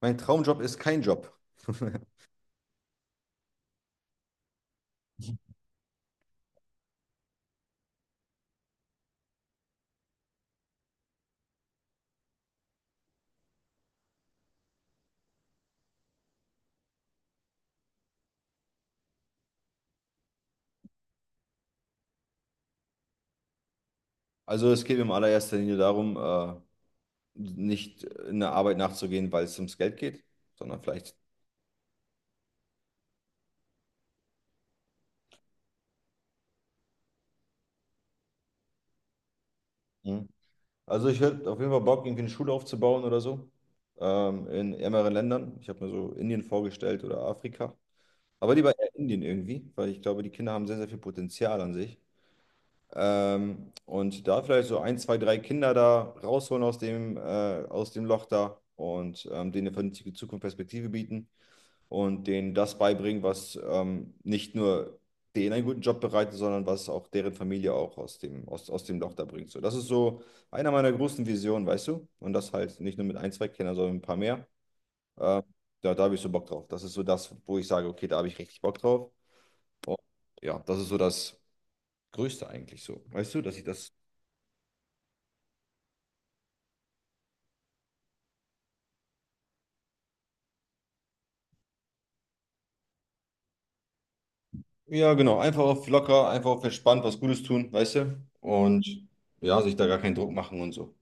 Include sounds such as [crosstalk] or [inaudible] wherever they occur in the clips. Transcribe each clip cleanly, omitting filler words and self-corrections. Mein Traumjob ist kein Job. [laughs] Also es geht mir in allererster Linie darum, nicht in der Arbeit nachzugehen, weil es ums Geld geht, sondern vielleicht. Mhm. Also ich hätte auf jeden Fall Bock, irgendwie eine Schule aufzubauen oder so, in ärmeren Ländern. Ich habe mir so Indien vorgestellt oder Afrika. Aber lieber eher Indien irgendwie, weil ich glaube, die Kinder haben sehr, sehr viel Potenzial an sich. Und da vielleicht so ein, zwei, drei Kinder da rausholen aus dem, aus dem Loch da, und denen eine vernünftige Zukunftsperspektive bieten und denen das beibringen, was nicht nur denen einen guten Job bereitet, sondern was auch deren Familie auch aus aus dem Loch da bringt. So, das ist so einer meiner großen Visionen, weißt du? Und das halt nicht nur mit ein, zwei Kindern, sondern mit ein paar mehr. Äh, da habe ich so Bock drauf. Das ist so das, wo ich sage, okay, da habe ich richtig Bock drauf. Und ja, das ist so das Größte eigentlich so. Weißt du, dass ich das. Ja, genau. Einfach auf locker, einfach auf entspannt was Gutes tun, weißt du? Und ja, sich da gar keinen Druck machen und so.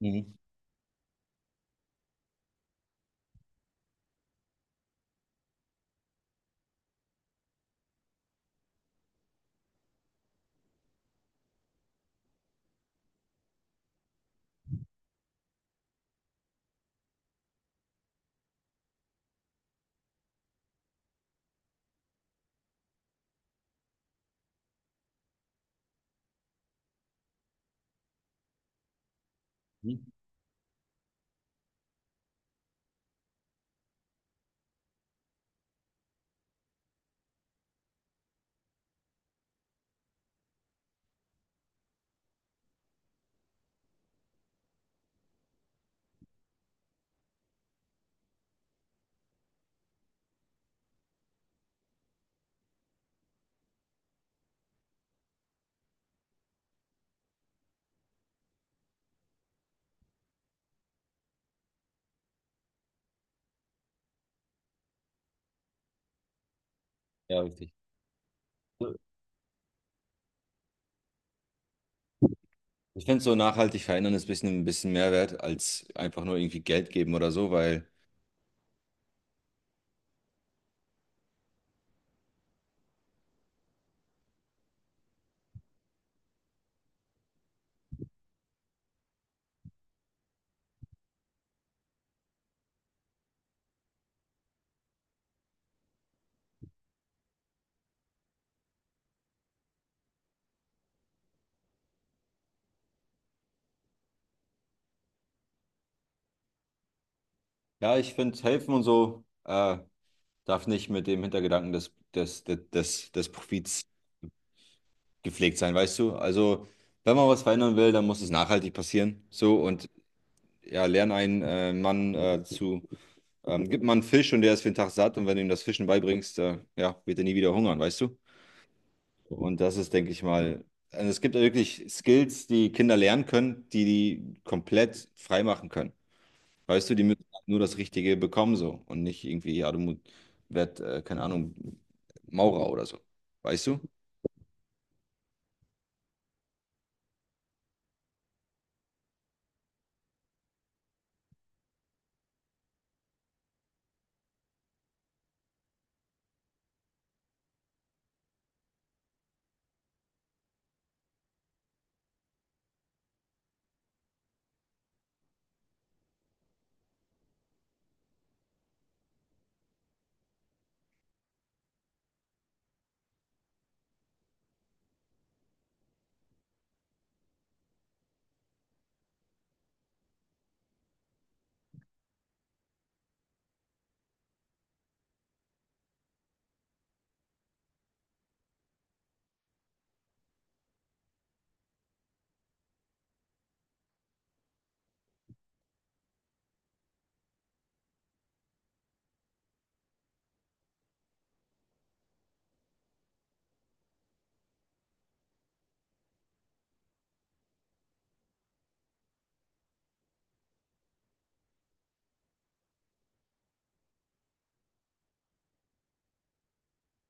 Mhm. Mhm. Ja, richtig. Ich finde, so nachhaltig verändern ist ein bisschen mehr wert als einfach nur irgendwie Geld geben oder so, weil ja, ich finde, helfen und so darf nicht mit dem Hintergedanken des Profits gepflegt sein, weißt du? Also, wenn man was verändern will, dann muss es nachhaltig passieren. So, und ja, lern einen Mann zu, gib mal einen Fisch und der ist für den Tag satt, und wenn du ihm das Fischen beibringst, ja, wird er nie wieder hungern, weißt du? Und das ist, denke ich mal, also es gibt ja wirklich Skills, die Kinder lernen können, die komplett frei machen können. Weißt du, die müssen nur das Richtige bekommen so und nicht irgendwie, ja, keine Ahnung, Maurer oder so. Weißt du?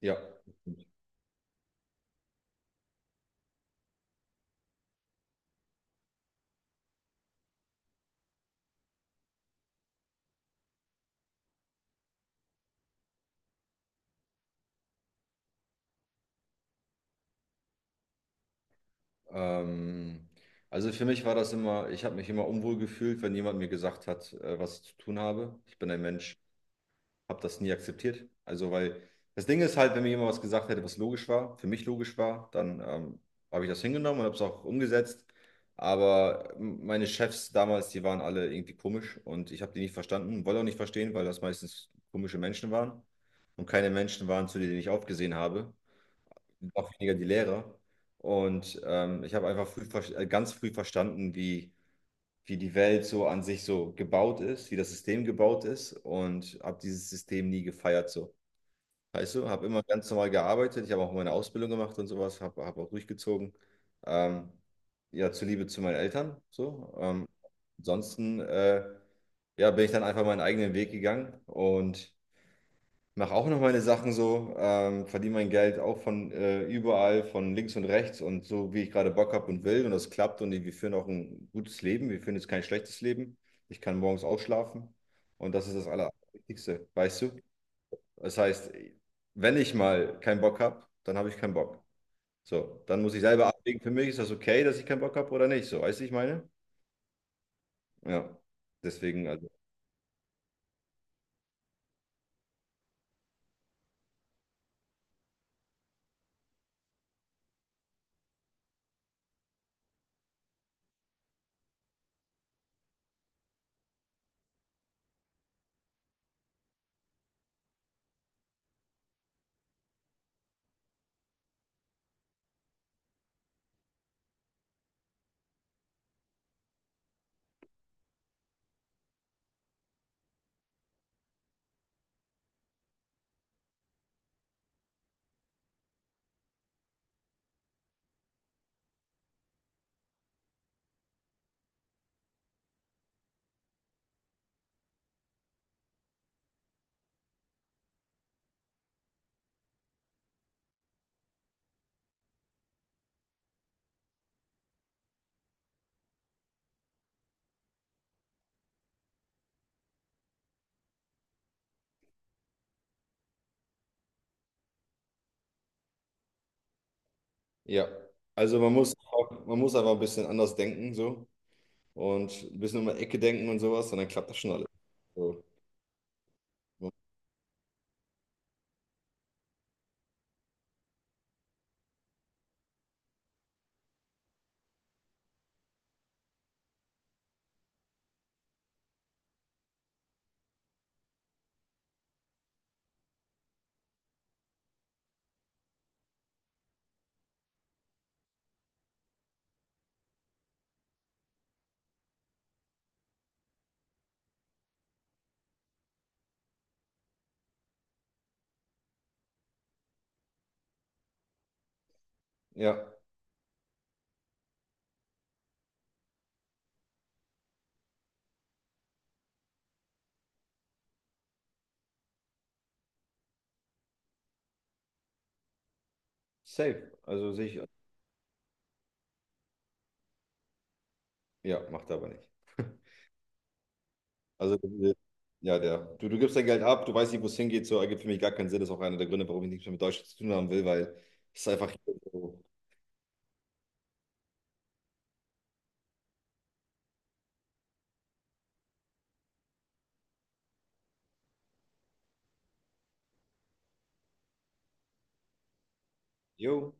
Ja, ähm, also für mich war das immer, ich habe mich immer unwohl gefühlt, wenn jemand mir gesagt hat, was ich zu tun habe. Ich bin ein Mensch, habe das nie akzeptiert. Also, weil das Ding ist halt, wenn mir jemand was gesagt hätte, was logisch war, für mich logisch war, dann habe ich das hingenommen und habe es auch umgesetzt. Aber meine Chefs damals, die waren alle irgendwie komisch und ich habe die nicht verstanden, wollte auch nicht verstehen, weil das meistens komische Menschen waren und keine Menschen waren, zu denen ich aufgesehen habe, noch weniger die Lehrer. Und ich habe einfach ganz früh verstanden, wie wie die Welt so an sich so gebaut ist, wie das System gebaut ist, und habe dieses System nie gefeiert so. Weißt du, habe immer ganz normal gearbeitet, ich habe auch meine Ausbildung gemacht und sowas, habe hab auch durchgezogen. Ähm, ja, zuliebe zu meinen Eltern so. Ansonsten ja, bin ich dann einfach meinen eigenen Weg gegangen und mache auch noch meine Sachen so, verdiene mein Geld auch von überall, von links und rechts und so, wie ich gerade Bock habe und will. Und das klappt, und wir führen auch ein gutes Leben. Wir führen jetzt kein schlechtes Leben. Ich kann morgens ausschlafen, und das ist das Allerwichtigste, weißt du? Das heißt, wenn ich mal keinen Bock habe, dann habe ich keinen Bock. So, dann muss ich selber abwägen, für mich ist das okay, dass ich keinen Bock habe oder nicht. So, weißt du, ich meine? Ja, deswegen, also. Ja, also man muss, auch, man muss einfach ein bisschen anders denken, so, und ein bisschen um die Ecke denken und sowas, und dann klappt das schon alles. So. Ja, safe. Also sehe ich, ja, macht er aber nicht. [laughs] Also, ja, der, du gibst dein Geld ab, du weißt nicht, wo es hingeht, so ergibt für mich gar keinen Sinn. Das ist auch einer der Gründe, warum ich nichts mehr mit Deutschland zu tun haben will, weil es ist einfach, so, jo,